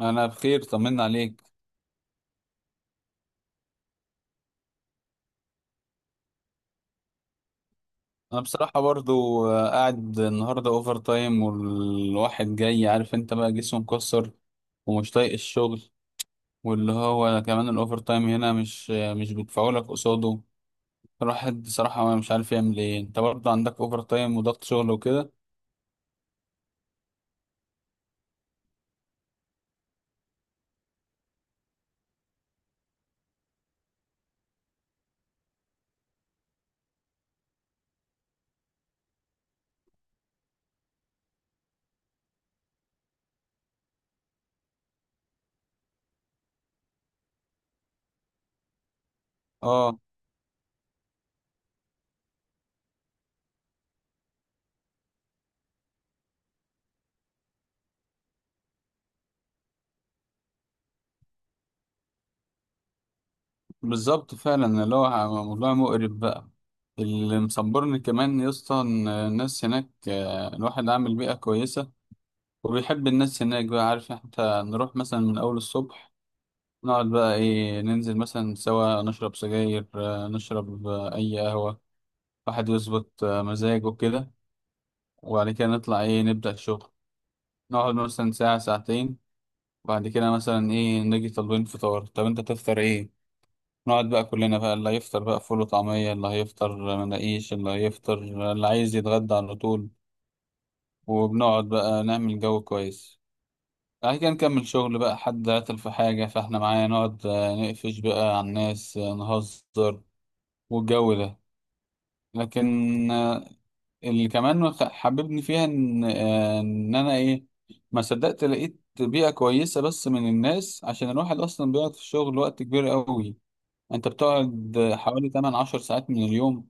انا بخير، طمنا عليك. انا بصراحه برضو قاعد النهارده اوفر تايم، والواحد جاي عارف انت بقى جسمه مكسر ومش طايق الشغل. واللي هو كمان الاوفر تايم هنا مش بيدفعوا لك قصاده. الواحد بصراحه مش عارف يعمل ايه. انت برضو عندك اوفر تايم وضغط شغل وكده؟ اه بالظبط، فعلا اللي هو موضوع مقرف بقى. اللي مصبرني كمان يا اسطى إن الناس هناك الواحد عامل بيئه كويسه وبيحب الناس هناك بقى، عارف؟ حتى نروح مثلا من أول الصبح، نقعد بقى إيه، ننزل مثلا سوا نشرب سجاير، نشرب أي قهوة، واحد يظبط مزاجه كده، وبعد كده نطلع إيه، نبدأ الشغل. نقعد مثلا ساعة ساعتين وبعد كده مثلا إيه نيجي طالبين فطار. طب أنت تفطر إيه؟ نقعد بقى كلنا، بقى اللي هيفطر بقى فول وطعمية، اللي هيفطر مناقيش، اللي هيفطر اللي عايز يتغدى على طول. وبنقعد بقى نعمل جو كويس. بعد كده نكمل شغل بقى. حد عطل في حاجة فاحنا معايا، نقعد نقفش بقى على الناس، نهزر والجو ده. لكن اللي كمان حببني فيها ان انا ايه، ما صدقت لقيت بيئة كويسة بس من الناس، عشان الواحد اصلا بيقعد في الشغل وقت كبير قوي. انت بتقعد حوالي 8 10 ساعات من اليوم.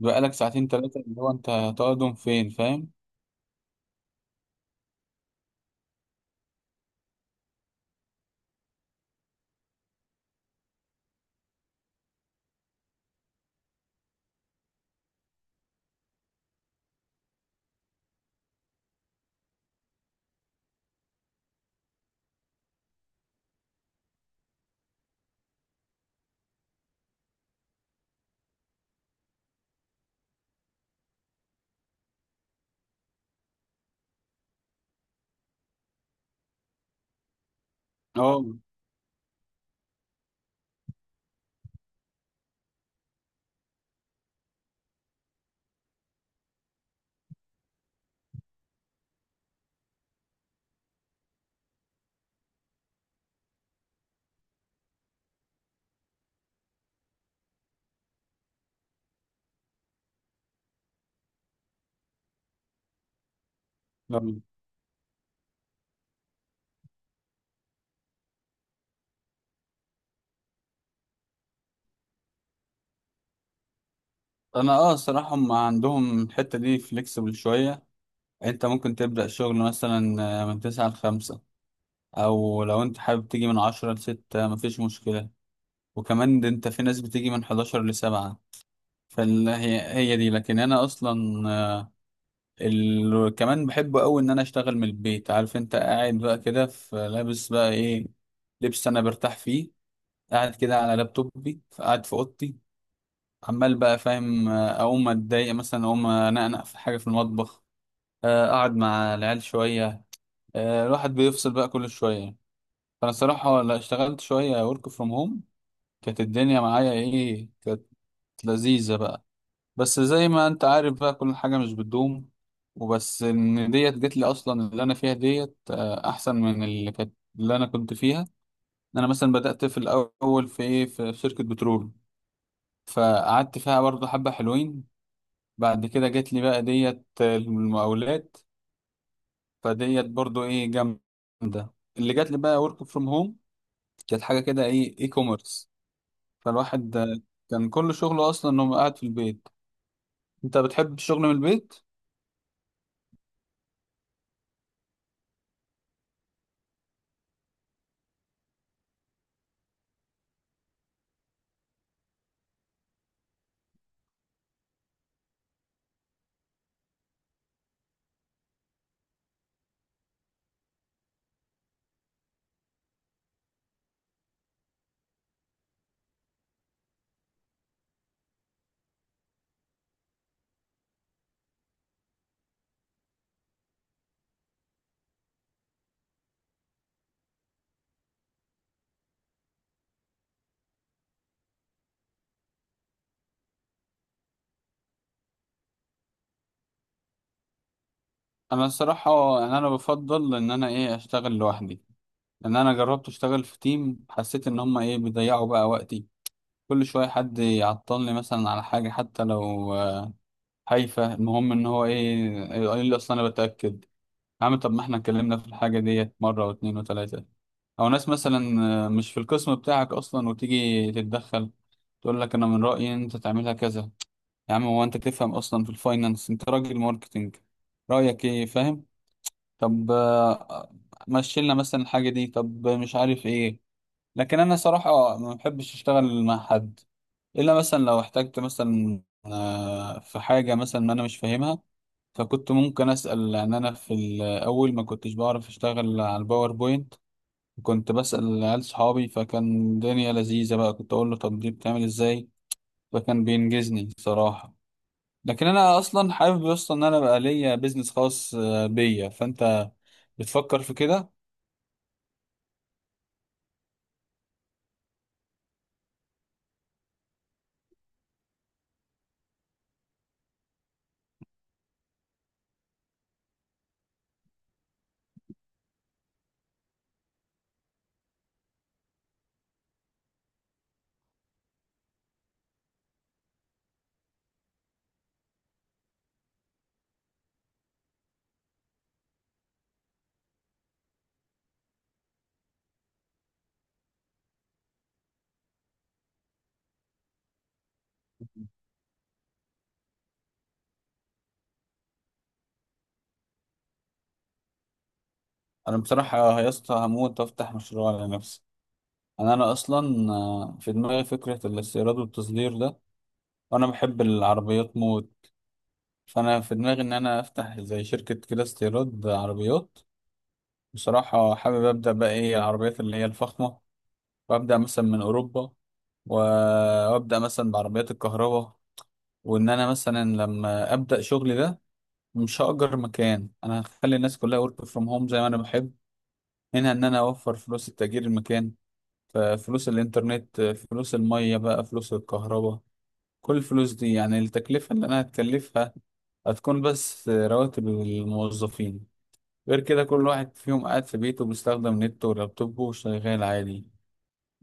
بقالك ساعتين ثلاثة اللي هو انت هتقعدهم فين، فاهم؟ اه. انا اه الصراحة هم عندهم الحتة دي فليكسبل شوية. انت ممكن تبدأ شغل مثلا من تسعة لخمسة، او لو انت حابب تيجي من عشرة لستة مفيش مشكلة. وكمان ده انت في ناس بتيجي من حداشر لسبعة. فهي هي دي. لكن انا اصلا كمان بحب اوي ان انا اشتغل من البيت. عارف انت قاعد بقى كده في، لابس بقى ايه، لبس انا برتاح فيه، قاعد كده على لابتوبي، قاعد في اوضتي، عمال بقى فاهم، اقوم اتضايق مثلا، اقوم انقنق في حاجة في المطبخ، اقعد مع العيال شوية، الواحد بيفصل بقى كل شوية. فأنا الصراحة لا، اشتغلت شوية ورك فروم هوم، كانت الدنيا معايا إيه، كانت لذيذة بقى. بس زي ما أنت عارف بقى كل حاجة مش بتدوم. وبس إن ديت جت لي أصلا، اللي أنا فيها ديت أحسن من اللي كانت، اللي أنا كنت فيها. أنا مثلا بدأت في الأول في إيه، في شركة بترول، فقعدت فيها برضه حبة حلوين. بعد كده جت لي بقى ديت المقاولات. فديت برضه إيه جامدة اللي جات لي بقى، ورك فروم هوم. كانت حاجة كده ايه، اي كوميرس. فالواحد كان كل شغله اصلا انه قاعد في البيت. انت بتحب الشغل من البيت؟ انا الصراحة يعني انا بفضل ان انا ايه، اشتغل لوحدي، لان انا جربت اشتغل في تيم، حسيت ان هما ايه، بيضيعوا بقى وقتي. كل شوية حد يعطلني مثلا على حاجة حتى لو هايفة. المهم ان هو ايه، يقول لي اصلا انا بتأكد. يا عم طب ما احنا اتكلمنا في الحاجة ديت مرة واتنين وتلاتة. أو ناس مثلا مش في القسم بتاعك أصلا وتيجي تتدخل، تقول لك أنا من رأيي إن أنت تعملها كذا. يا عم هو أنت تفهم أصلا في الفاينانس؟ أنت راجل ماركتينج، رأيك إيه، فاهم؟ طب مشيلنا مثلا الحاجة دي، طب مش عارف إيه. لكن أنا صراحة ما بحبش أشتغل مع حد، إلا مثلا لو احتجت مثلا في حاجة مثلا أنا مش فاهمها، فكنت ممكن أسأل. لأن أنا في الأول ما كنتش بعرف أشتغل على الباوربوينت، كنت بسأل عيال صحابي، فكان الدنيا لذيذة بقى، كنت أقول له طب دي بتعمل إزاي، فكان بينجزني صراحة. لكن أنا أصلا حابب أصلا إن أنا بقى ليا بيزنس خاص بيا. فأنت بتفكر في كده؟ أنا بصراحة يا اسطى هموت وأفتح مشروع لنفسي. أنا أصلا في دماغي فكرة الاستيراد والتصدير ده، وأنا بحب العربيات موت. فانا في دماغي ان انا افتح زي شركه كده، استيراد عربيات. بصراحه حابب ابدا بقى ايه، العربيات اللي هي الفخمه، وابدا مثلا من اوروبا، و- وابدا مثلا بعربيات الكهرباء. وان انا مثلا لما ابدا شغلي ده، مش هاجر مكان، انا هخلي الناس كلها ورك فروم هوم زي ما انا بحب، منها ان انا اوفر فلوس التأجير المكان، فلوس الانترنت، فلوس الميه بقى، فلوس الكهرباء. كل الفلوس دي يعني التكلفه اللي انا هتكلفها هتكون بس رواتب الموظفين. غير كده كل واحد فيهم قاعد في بيته، بيستخدم نت ولابتوبه، وشغال عادي.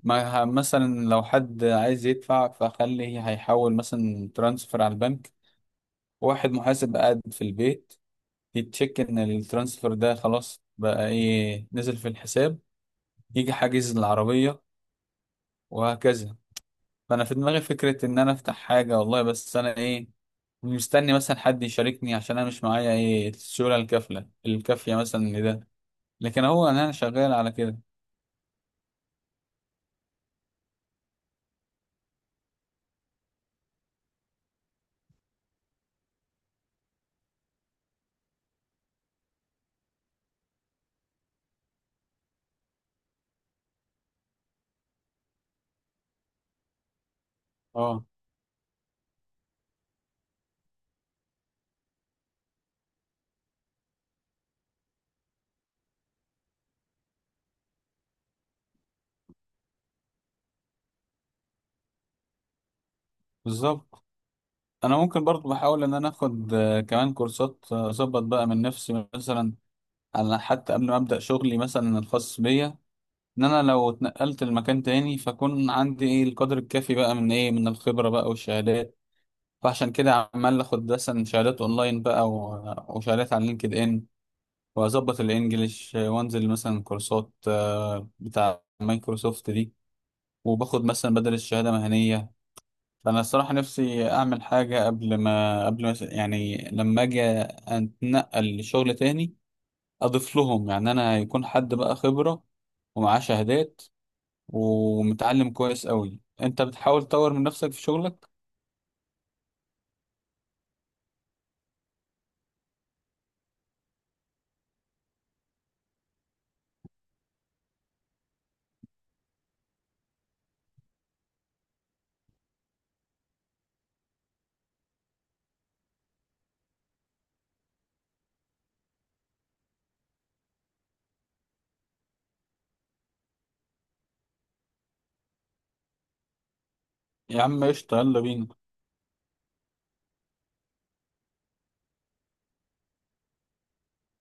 ما ه- مثلا لو حد عايز يدفع فخليه هيحول مثلا ترانسفر على البنك، واحد محاسب قاعد في البيت يتشيك ان الترانسفر ده خلاص بقى ايه، نزل في الحساب، يجي حاجز العربية، وهكذا. فانا في دماغي فكرة ان انا افتح حاجة والله، بس انا ايه، مستني مثلا حد يشاركني، عشان انا مش معايا ايه، السيولة الكافلة الكافية مثلا لده. لكن هو أنا شغال على كده. اه بالظبط. انا ممكن برضو بحاول ان انا اخد كمان كورسات، اظبط بقى من نفسي مثلا، على حتى قبل ما ابدا شغلي مثلا الخاص بيا، ان انا لو اتنقلت لمكان تاني فاكون عندي ايه، القدر الكافي بقى من ايه، من الخبره بقى والشهادات. فعشان كده عمال اخد مثلا شهادات اونلاين بقى وشهادات على لينكد ان، واظبط الانجليش، وانزل مثلا كورسات بتاع مايكروسوفت دي، وباخد مثلا بدل الشهاده مهنيه. فانا الصراحه نفسي اعمل حاجه قبل ما يعني لما اجي اتنقل لشغل تاني، اضيف لهم يعني انا، يكون حد بقى خبره ومعاه شهادات ومتعلم كويس قوي. انت بتحاول تطور من نفسك في شغلك؟ يا عم قشطه، يلا بينا.